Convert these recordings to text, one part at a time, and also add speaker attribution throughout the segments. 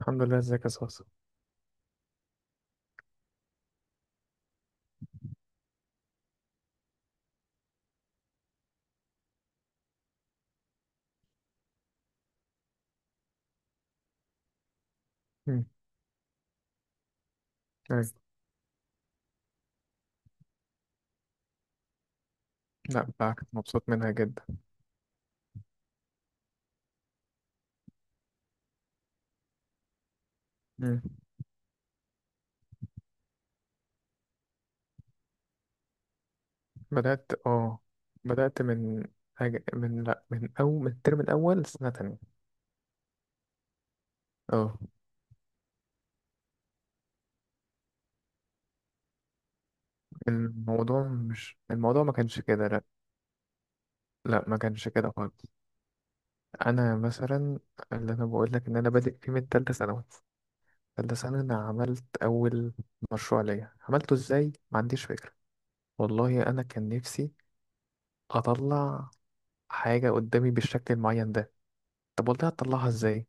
Speaker 1: الحمد لله، ازيك يا صاصة؟ مم. أيوة. لا، بقى مبسوط منها جدا. مم. بدأت اه بدأت من حاجة، من، لا، من أول، من الترم الأول سنة تانية. اه الموضوع، مش، الموضوع ما كانش كده، لا. لا، ما كانش كده خالص. أنا مثلا، اللي أنا بقول لك إن أنا بادئ فيه من تالتة ثانوي. تالتة ثانوي أنا عملت أول مشروع ليا، عملته إزاي ما عنديش فكرة. والله أنا كان نفسي أطلع حاجة قدامي بالشكل المعين ده. طب والله هتطلعها إزاي؟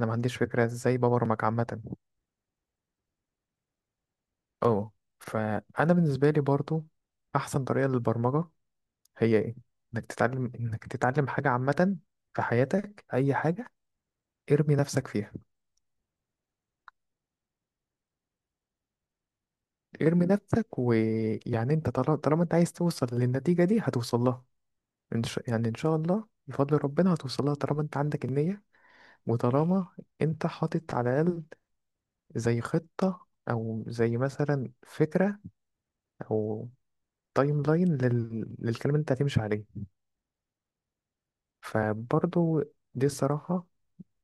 Speaker 1: انا ما عنديش فكره ازاي ببرمج عامه. اه فانا بالنسبه لي برضو، احسن طريقه للبرمجه هي ايه؟ انك تتعلم حاجه عامه في حياتك، اي حاجه ارمي نفسك فيها. ارمي نفسك، ويعني انت طالما انت عايز توصل للنتيجه دي هتوصل لها. يعني ان شاء الله، بفضل ربنا هتوصل لها طالما انت عندك النيه. وطالما انت حاطط على الاقل زي خطه، او زي مثلا فكره، او تايم لاين للكلام اللي انت هتمشي عليه. فبرضو، دي الصراحة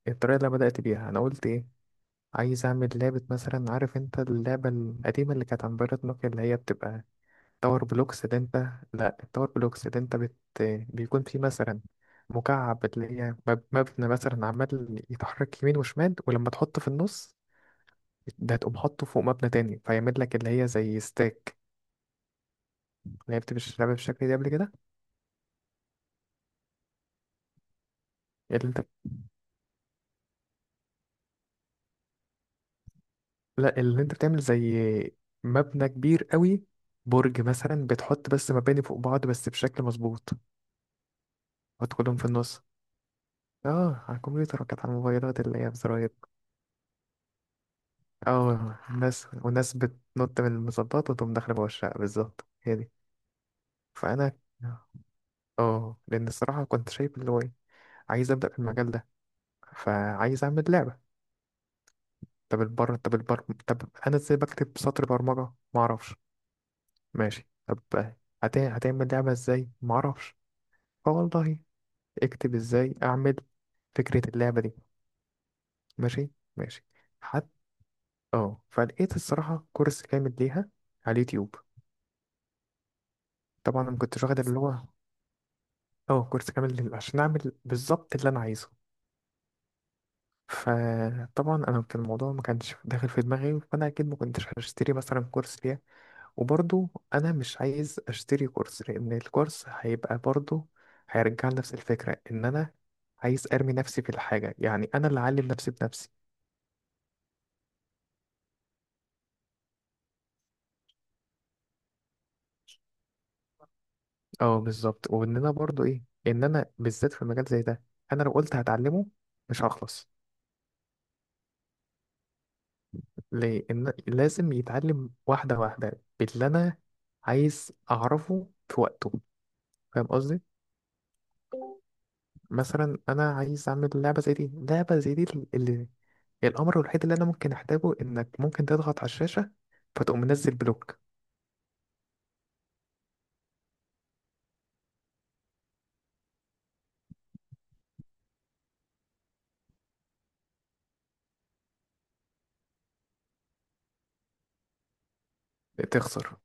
Speaker 1: الطريقة اللي أنا بدأت بيها. أنا قلت إيه؟ عايز أعمل لعبة مثلا. عارف أنت اللعبة القديمة اللي كانت عن بيرت نوكيا اللي هي بتبقى تاور بلوكس؟ اللي أنت لأ التاور بلوكس اللي أنت بيكون فيه مثلا مكعب اللي هي مبنى مثلا، عمال يتحرك يمين وشمال، ولما تحطه في النص ده تقوم حاطه فوق مبنى تاني فيعمل لك اللي هي زي ستاك. لعبت مش لعبة بالشكل ده قبل كده؟ اللي أنت لا، اللي انت بتعمل زي مبنى كبير قوي، برج مثلا، بتحط بس مباني فوق بعض بس بشكل مظبوط. حط كلهم في النص. اه، على الكمبيوتر، وكانت على الموبايلات اللي هي بزراير. اه، ناس وناس بتنط من المظبط وتقوم داخله جوه الشقه، بالظبط، هي دي. فانا، اه لان الصراحه كنت شايف اللي هو ايه، عايز ابدا في المجال ده، فعايز اعمل لعبه. طب البر طب البر طب انا ازاي بكتب سطر برمجه، ما اعرفش. ماشي. طب هتعمل لعبه ازاي ما اعرفش. فوالله، اكتب ازاي، اعمل فكرة اللعبة دي. ماشي. ماشي. حتى، اه فلقيت الصراحة كورس كامل ليها على اليوتيوب. طبعا انا ما كنتش واخد اللي هو، اه كورس كامل عشان اعمل بالظبط اللي انا عايزه. فطبعا انا كان الموضوع ما كانش داخل في دماغي، فانا اكيد ما كنتش هشتري مثلا كورس ليها. وبرضو انا مش عايز اشتري كورس، لان الكورس هيبقى برضو هيرجع لنفس الفكرة، ان انا عايز ارمي نفسي في الحاجة، يعني انا اللي اعلم نفسي بنفسي. اه، بالظبط، وان انا برضو ايه، ان انا بالذات في مجال زي ده، انا لو قلت هتعلمه مش هخلص. لان لازم يتعلم واحده واحده باللي انا عايز اعرفه في وقته. فاهم قصدي؟ مثلا انا عايز اعمل لعبه زي دي، لعبه زي دي، اللي الامر الوحيد اللي انا ممكن احتاجه انك ممكن تضغط على الشاشه فتقوم منزل بلوك. تخسر،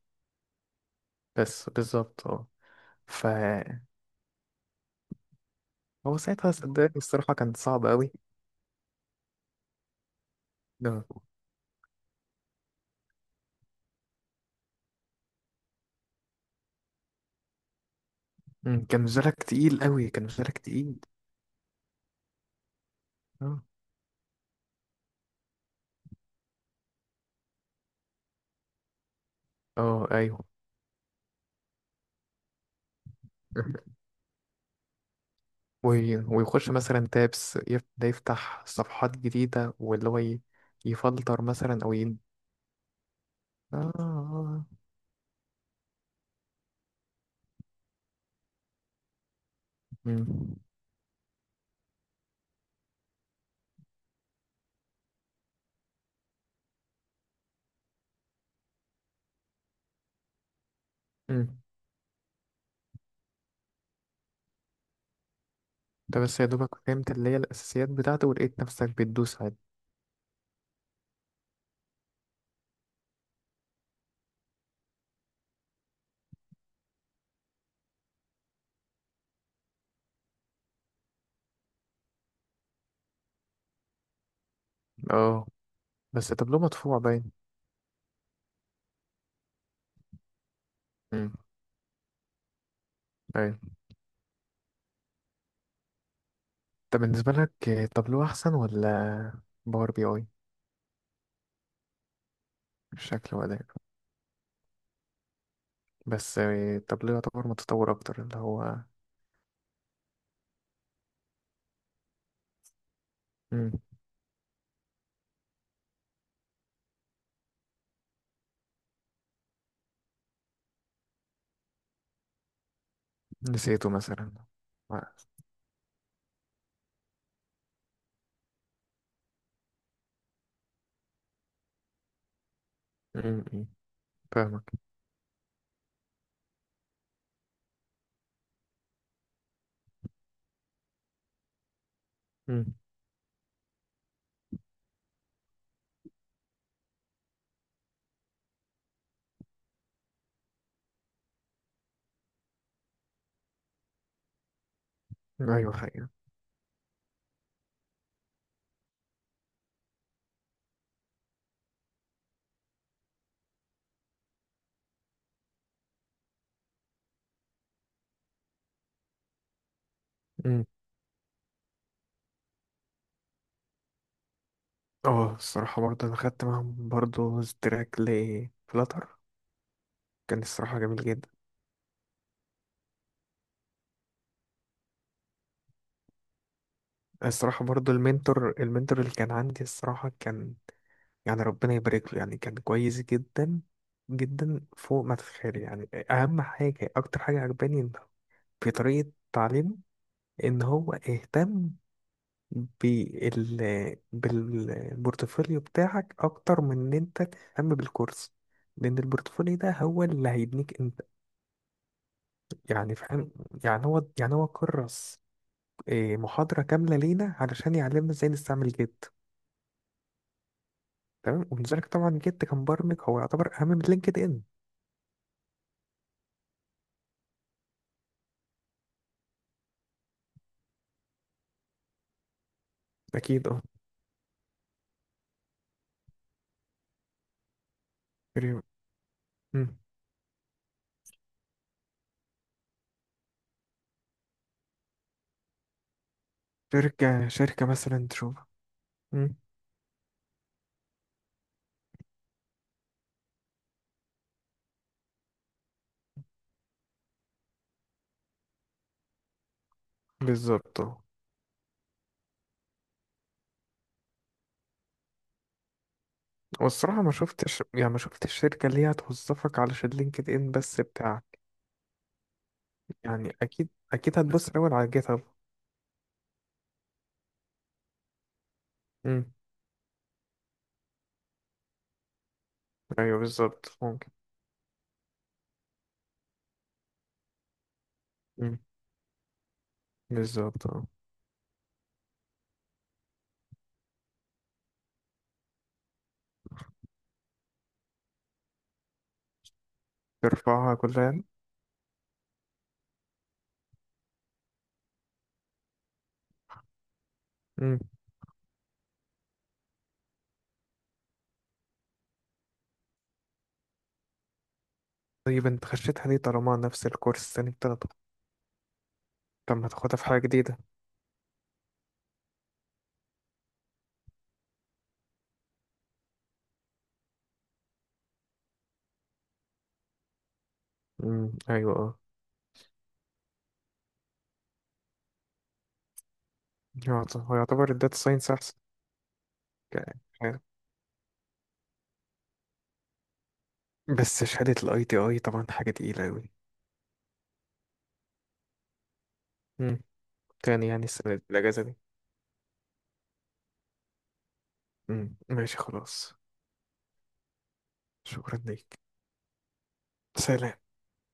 Speaker 1: بس بالظبط، اه. فهو ساعتها صدقني، الصراحه، كان صعب قوي. ده. مم، كان مزالك تقيل قوي، كان مزالك تقيل. اه. آه، ايوه. ويخش مثلا تابس، ده يفتح صفحات جديدة، واللي هو يفلتر مثلا، او. اه. آه. مم. مم. ده بس يا دوبك فهمت اللي هي الأساسيات بتاعته، ولقيت نفسك بتدوس عادي. اه، بس التابلو مدفوع باين. مم. أيوة. طب بالنسبة لك، تابلو أحسن ولا باور بي أي؟ شكل وأداء. بس التابلو يعتبر متطور أكتر اللي هو. مم. نسيته مثلا؟ مم. مم. فاهمك. ايوه، حقيقة. أمم. اه، الصراحة برضه انا خدت معاهم برضه تراك لفلاتر. كان الصراحة جميل جدا. الصراحة برضه المنتور اللي كان عندي الصراحة كان، يعني ربنا يبارك له، يعني كان كويس جدا، جدا فوق ما تتخيل. يعني اهم حاجة، اكتر حاجة عجباني إن في طريقة تعليمه ان هو اهتم بال بالبورتفوليو بتاعك اكتر من ان انت تهتم بالكورس، لان البورتفوليو ده هو اللي هيبنيك. يعني فاهم؟ يعني هو، كرس إيه، محاضرة كاملة لينا علشان يعلمنا ازاي نستعمل جيت. تمام، ولذلك طبعا جيت كمبرمج هو يعتبر أهم من لينكد إن. أكيد، أه. فري- مم. شركة، شركة مثلا تشوف. مم. بالظبط، أه. والصراحة، ما شفتش الشركة اللي هي هتوظفك علشان لينكد إن بس بتاعك. يعني أكيد، أكيد هتبص الأول على جيت هاب. مم. أيوه، بالظبط، ممكن. مم. بالظبط، أه. ترفعها كلها، يعني. طيب انت خشيتها ليه، طالما نفس الكورس تاني بتاخده؟ طب ما تاخدها في حاجة جديدة؟ ايوه، اه. هو يعتبر الداتا ساينس احسن؟ ك- ك- بس شهادة الاي تي اي طبعا حاجة تقيلة اوي. امم. تاني، يعني السنة دي الاجازة دي؟ امم، ماشي، خلاص. شكرا ليك. سلام.